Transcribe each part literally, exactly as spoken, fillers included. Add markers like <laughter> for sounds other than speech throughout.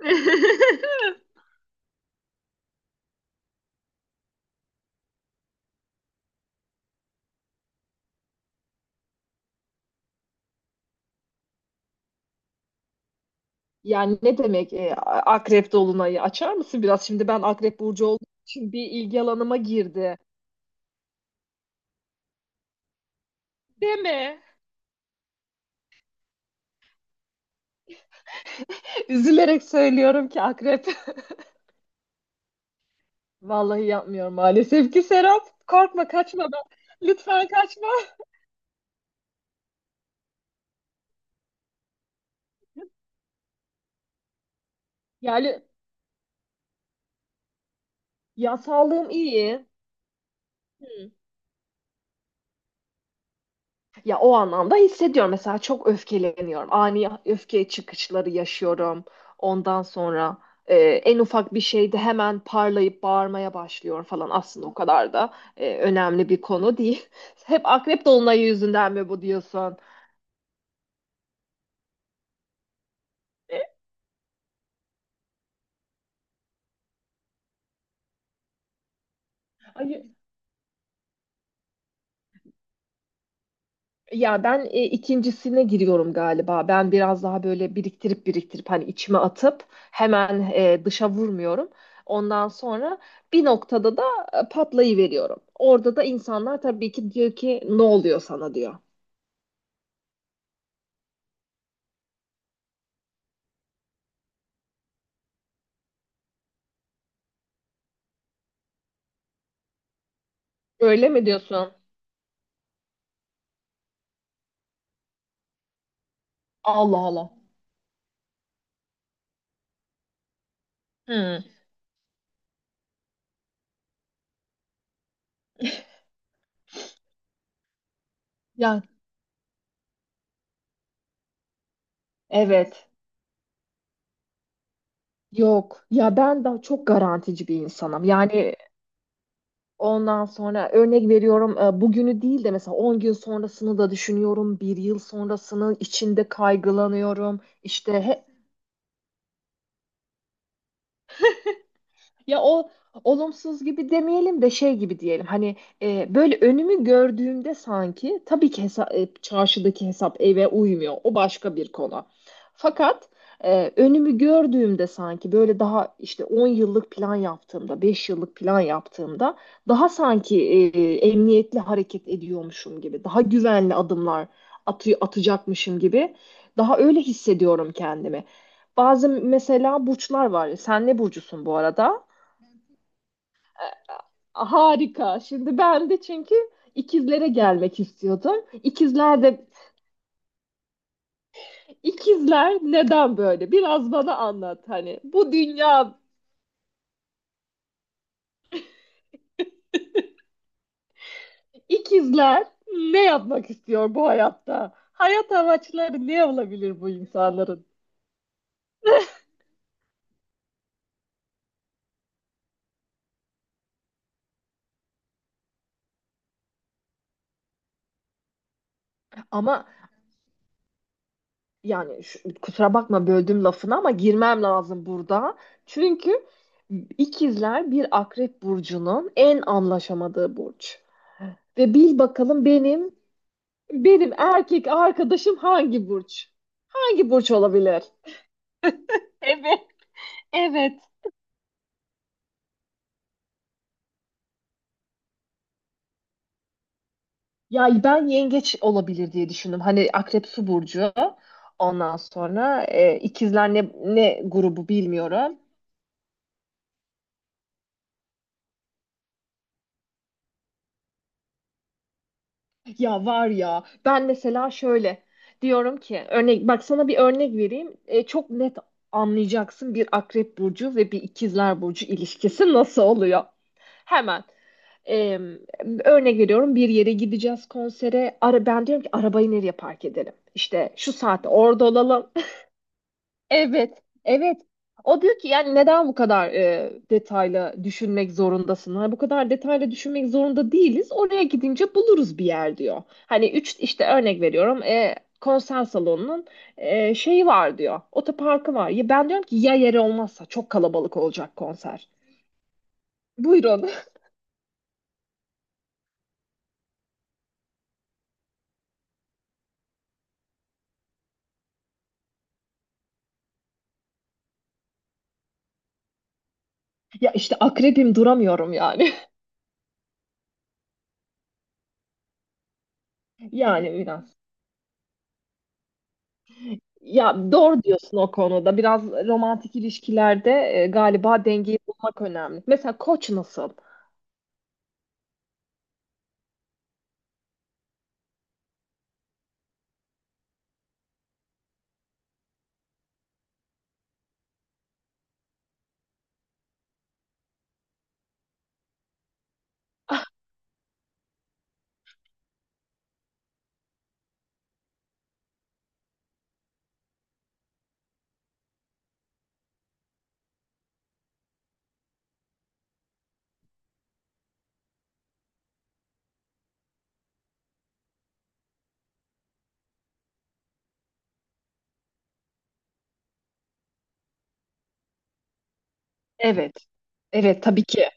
<laughs> Yani ne demek e, akrep dolunayı? Açar mısın biraz? Şimdi ben akrep burcu olduğum için bir ilgi alanıma girdi. Deme. Üzülerek söylüyorum ki akrep. <laughs> Vallahi yapmıyorum maalesef ki Serap. Korkma kaçma ben. Lütfen kaçma. Yani Ya sağlığım iyi. Hı. Ya o anlamda hissediyorum. Mesela çok öfkeleniyorum. Ani öfke çıkışları yaşıyorum. Ondan sonra e, en ufak bir şeyde hemen parlayıp bağırmaya başlıyorum falan. Aslında o kadar da e, önemli bir konu değil. <laughs> Hep akrep dolunayı yüzünden mi bu diyorsun? Ay, ya ben e, ikincisine giriyorum galiba. Ben biraz daha böyle biriktirip biriktirip hani içime atıp hemen e, dışa vurmuyorum. Ondan sonra bir noktada da e, patlayıveriyorum. Orada da insanlar tabii ki diyor ki ne oluyor sana diyor. Öyle mi diyorsun? Allah Allah. Hmm. Ya evet. Yok. Ya ben daha çok garantici bir insanım. Yani ondan sonra örnek veriyorum e, bugünü değil de mesela on gün sonrasını da düşünüyorum. Bir yıl sonrasını içinde kaygılanıyorum. İşte he- ya o olumsuz gibi demeyelim de şey gibi diyelim. Hani e, böyle önümü gördüğümde sanki tabii ki hesa- e, çarşıdaki hesap eve uymuyor. O başka bir konu. Fakat e, önümü gördüğümde sanki böyle daha işte on yıllık plan yaptığımda, beş yıllık plan yaptığımda daha sanki e, emniyetli hareket ediyormuşum gibi, daha güvenli adımlar atı- atacakmışım gibi daha öyle hissediyorum kendimi. Bazı mesela burçlar var. Sen ne burcusun bu arada? Harika. Şimdi ben de çünkü ikizlere gelmek istiyordum. İkizler de ikizler neden böyle? Biraz bana anlat hani. Bu dünya ikizler ne yapmak istiyor bu hayatta? Hayat amaçları ne olabilir bu insanların? Ama yani şu- kusura bakma böldüm lafını ama girmem lazım burada. Çünkü ikizler bir akrep burcunun en anlaşamadığı burç. Ve bil bakalım benim benim erkek arkadaşım hangi burç? Hangi burç olabilir? Evet. Evet. Ya ben yengeç olabilir diye düşündüm. Hani akrep su burcu. Ondan sonra e, ikizler ne, ne grubu bilmiyorum. Ya var ya ben mesela şöyle diyorum ki örnek bak sana bir örnek vereyim. E, çok net anlayacaksın bir akrep burcu ve bir ikizler burcu ilişkisi nasıl oluyor. Hemen. Ee, Örnek veriyorum bir yere gideceğiz konsere. Ara, ben diyorum ki arabayı nereye park edelim? İşte şu saatte orada olalım. <laughs> Evet, evet. O diyor ki yani neden bu kadar e, detaylı düşünmek zorundasın? Hani bu kadar detaylı düşünmek zorunda değiliz. Oraya gidince buluruz bir yer diyor. Hani üç işte örnek veriyorum e, konser salonunun e, şeyi var diyor. Otoparkı var. Ya ben diyorum ki ya yeri olmazsa çok kalabalık olacak konser. Buyurun. <laughs> Ya işte akrebim duramıyorum yani. Yani biraz. Ya doğru diyorsun o konuda. Biraz romantik ilişkilerde e, galiba dengeyi bulmak önemli. Mesela koç nasıl? Evet. Evet tabii ki.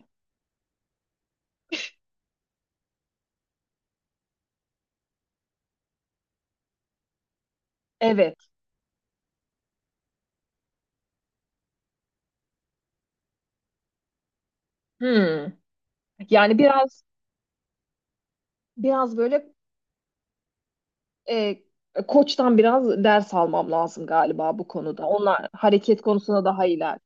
Evet. Hmm. Yani biraz biraz böyle e, koçtan biraz ders almam lazım galiba bu konuda. Onlar hareket konusunda daha iler.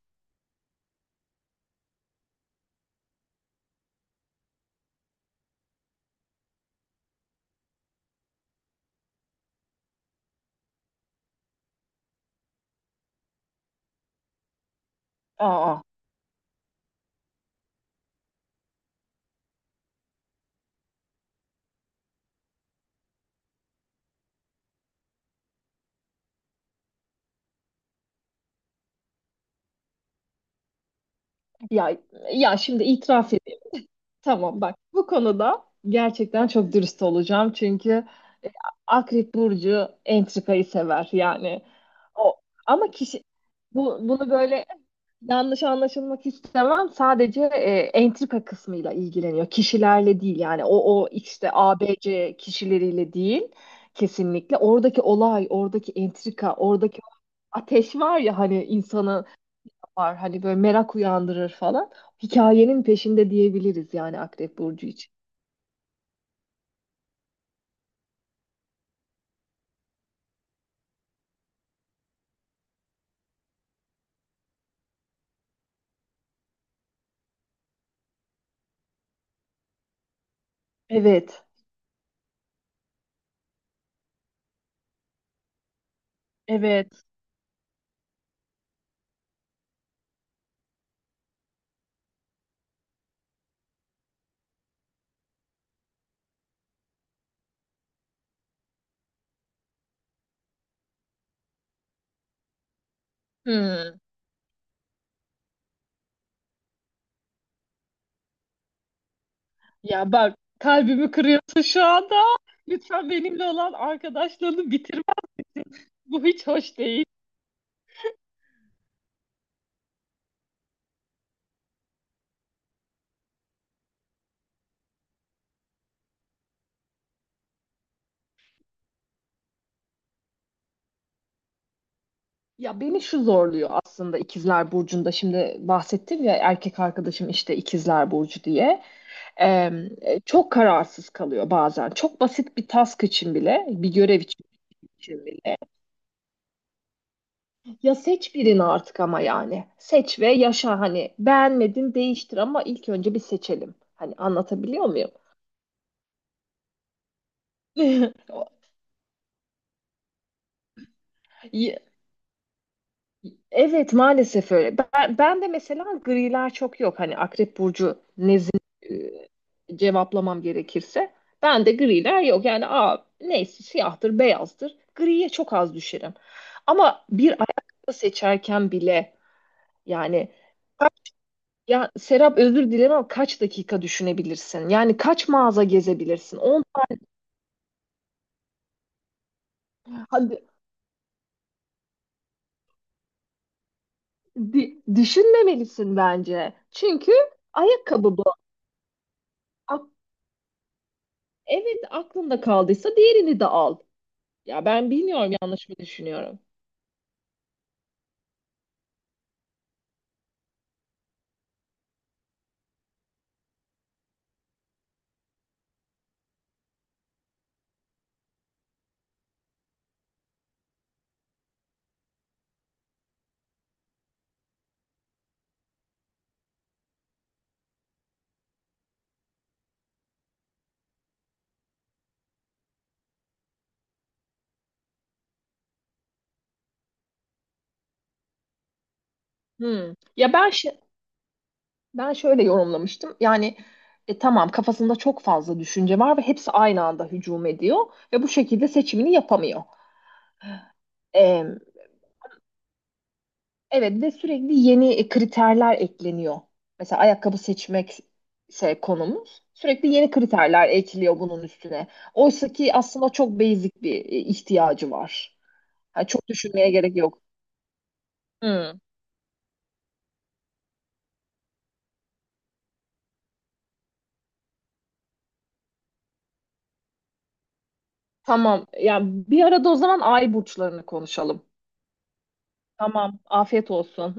Aa, ya ya şimdi itiraf, tamam bak bu konuda gerçekten çok dürüst olacağım çünkü e, Akrep Burcu entrikayı sever yani o ama kişi bu, bunu böyle yanlış anlaşılmak istemem sadece e, entrika kısmıyla ilgileniyor kişilerle değil yani o o işte A B c kişileriyle değil kesinlikle oradaki olay oradaki entrika oradaki ateş var ya hani insanı var hani böyle merak uyandırır falan hikayenin peşinde diyebiliriz yani Akrep Burcu için. Evet. Evet. Hmm. Ya bak kalbimi kırıyorsun şu anda. Lütfen benimle olan arkadaşlığını bitirme. Bu hiç hoş değil. Ya beni şu zorluyor aslında İkizler Burcu'nda şimdi bahsettim ya erkek arkadaşım işte İkizler Burcu diye. Ee, Çok kararsız kalıyor bazen. Çok basit bir task için bile, bir görev için için bile. Ya seç birini artık ama yani. Seç ve yaşa hani. Beğenmedin değiştir ama ilk önce bir seçelim. Hani anlatabiliyor muyum? <laughs> Y- Evet maalesef öyle. Ben, ben de mesela griler çok yok. Hani Akrep Burcu nezdinde e, cevaplamam gerekirse. Ben de griler yok. Yani aa, neyse siyahtır, beyazdır. Griye çok az düşerim. Ama bir ayakkabı seçerken bile yani ya Serap özür dilerim ama kaç dakika düşünebilirsin? Yani kaç mağaza gezebilirsin? On, hadi, di- düşünmemelisin bence. Çünkü ayakkabı bu. Evet aklında kaldıysa diğerini de al. Ya ben bilmiyorum yanlış mı düşünüyorum. Hmm. Ya ben şe- ben şöyle yorumlamıştım. Yani e, tamam kafasında çok fazla düşünce var ve hepsi aynı anda hücum ediyor ve bu şekilde seçimini yapamıyor. Ee, evet ve sürekli yeni e, kriterler ekleniyor. Mesela ayakkabı seçmek şey konumuz. Sürekli yeni kriterler ekliyor bunun üstüne. Oysa ki aslında çok basic bir e, ihtiyacı var. Yani çok düşünmeye gerek yok. Hmm. Tamam. Ya bir arada o zaman ay burçlarını konuşalım. Tamam. Afiyet olsun.